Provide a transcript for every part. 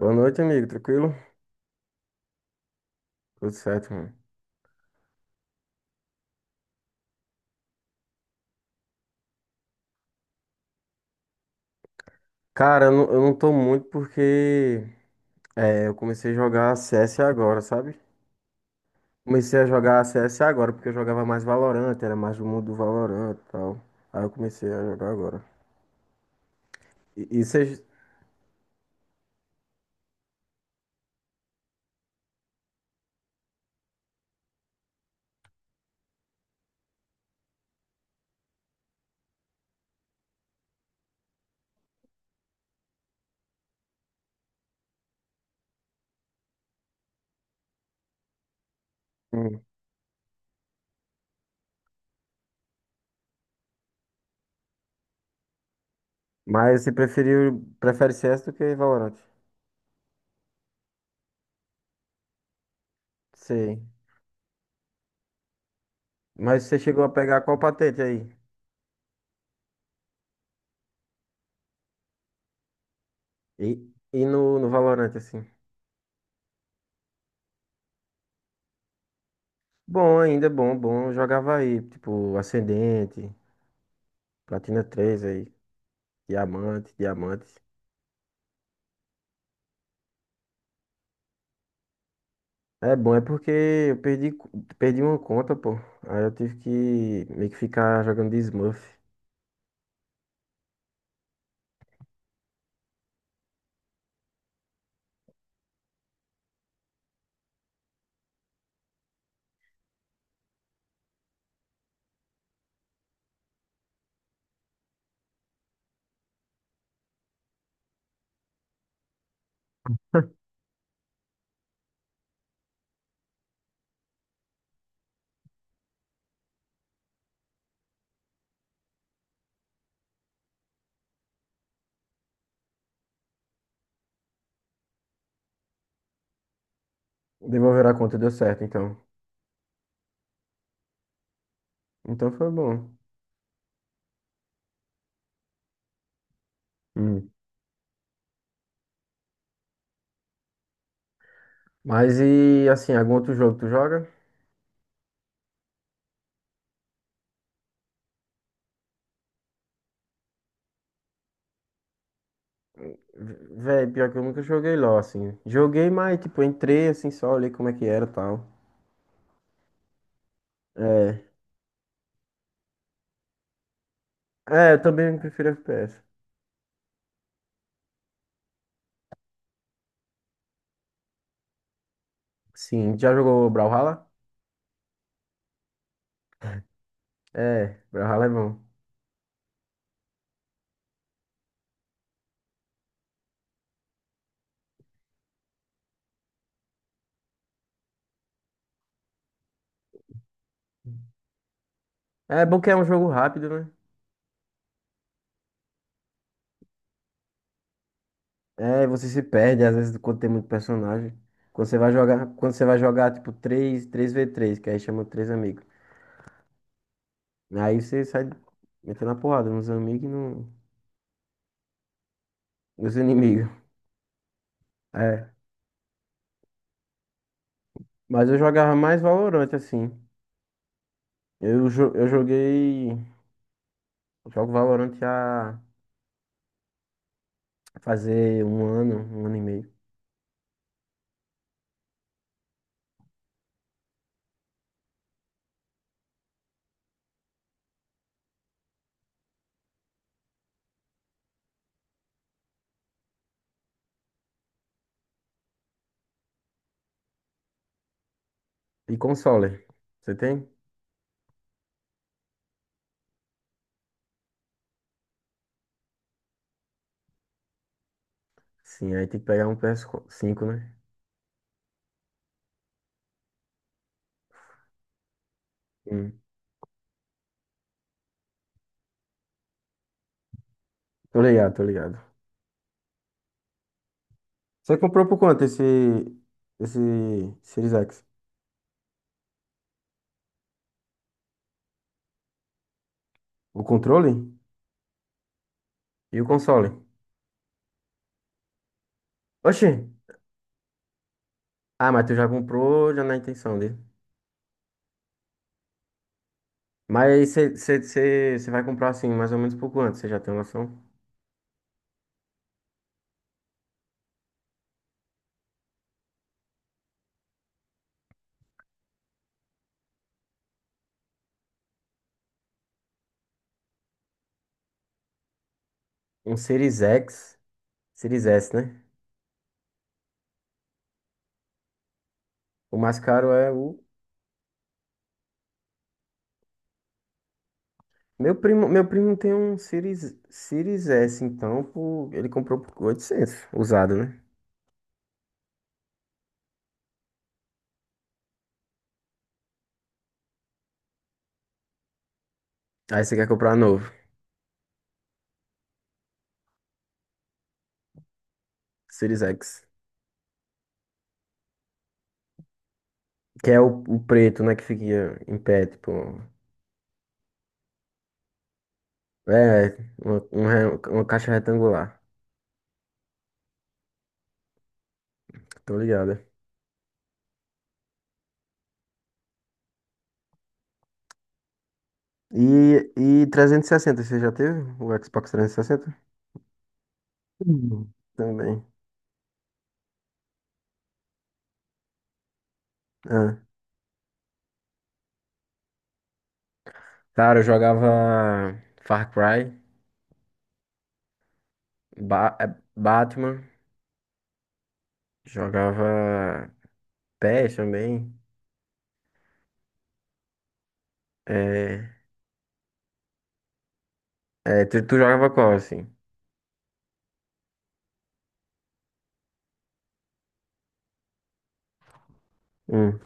Boa noite, amigo. Tranquilo? Tudo certo, mano. Cara, eu não tô muito porque eu comecei a jogar CS agora, sabe? Comecei a jogar CS agora porque eu jogava mais Valorant, era mais do mundo do Valorant e tal. Aí eu comecei a jogar agora. E você. hum, Mas você prefere CS do que Valorant? Sei. Mas você chegou a pegar qual patente aí? E, e no Valorant, assim? Bom, ainda é bom, bom. Eu jogava aí, tipo, Ascendente, Platina 3 aí. Diamante, diamantes. É bom, é porque eu perdi uma conta, pô. Aí eu tive que meio que ficar jogando de Smurf. Devolver a conta deu certo, então. Então foi bom. Hum. Mas e assim, algum outro jogo tu joga? V- Véi, pior que eu nunca joguei LOL, assim. Joguei, mas tipo, entrei assim só, olhei como é que era e tal. É. É, eu também prefiro FPS. Sim, já jogou Brawlhalla? É, Brawlhalla é bom. É bom que é um jogo rápido, né? É, e você se perde, às vezes, quando tem muito personagem. Quando você vai jogar, tipo, 3v3, que aí chama três amigos. Aí você sai metendo a porrada nos amigos e no, nos inimigos. É. Mas eu jogava mais Valorant, assim. Eu joguei. Jogo Valorant há fazer um ano e meio. E console? Você tem? Sim, aí tem que pegar um PS5, né? Hum. Tô ligado, tô ligado. Você comprou por quanto esse Series X? O controle? E o console? Oxi! Ah, mas tu já comprou já na intenção dele. Mas você vai comprar assim, mais ou menos por quanto? Você já tem uma noção? Um Series X, Series S, né? O mais caro é o. Meu primo tem um Series S, então ele comprou por 800 usado, né? Aí você quer comprar novo, Series X. Que é o preto, né? Que fica em pé, tipo. É, uma caixa retangular. Tô ligado. E, e 360, você já teve? O Xbox 360? Hum. Também. Ah. Cara, eu jogava Far Cry, Batman, jogava PES também. É, tu jogava qual, assim? Hum,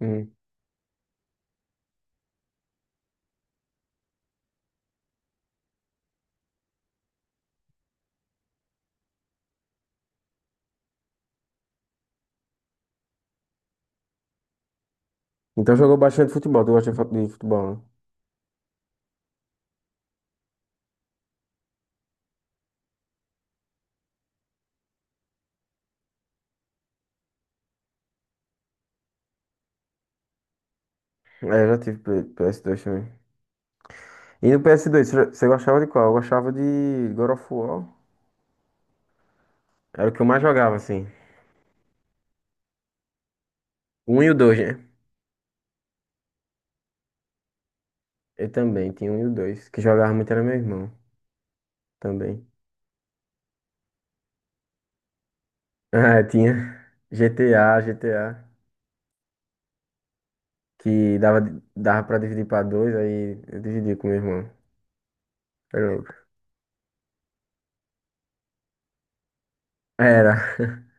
hum. Então jogou bastante futebol, tu gosta de futebol, né? É, eu já tive PS2 também. E no ps dois você gostava de qual? Eu gostava de God of War. Era o que eu mais jogava, assim. Um e o dois, né? Eu também tinha um e o dois. Que jogava muito era meu irmão também. Ah, tinha GTA, GTA. Que dava pra dividir pra dois, aí eu dividi com meu irmão. Era louco. Era.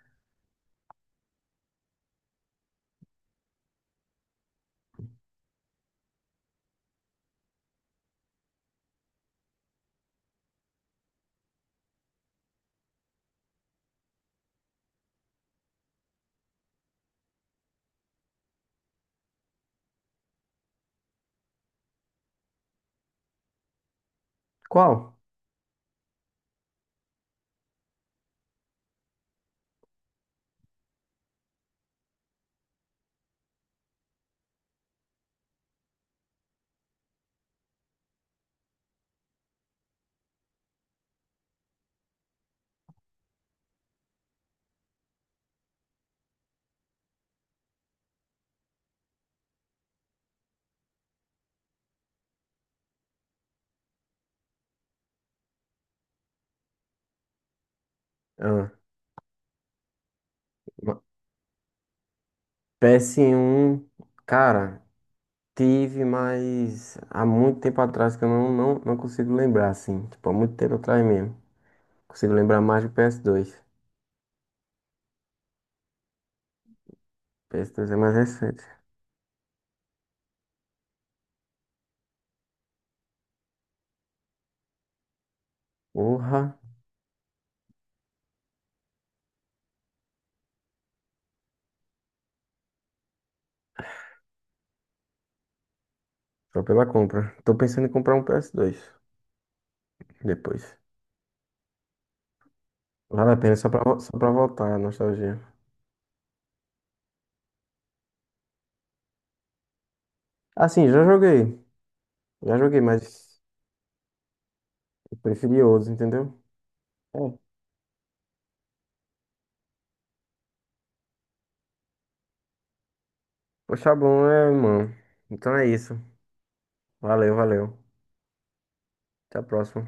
Qual? Ah, uma- PS1, cara, tive, mas há muito tempo atrás que eu não consigo lembrar, assim. Tipo, há muito tempo atrás mesmo. Consigo lembrar mais do PS2. Ps dois PS2 é mais recente. Porra, só pela compra. Tô pensando em comprar um PS2 depois. Vale a pena só pra voltar a nostalgia. Assim, já joguei. Já joguei, mas eu preferi outros, entendeu? É. Poxa, bom, mano. Então é isso. Valeu, valeu. Até a próxima.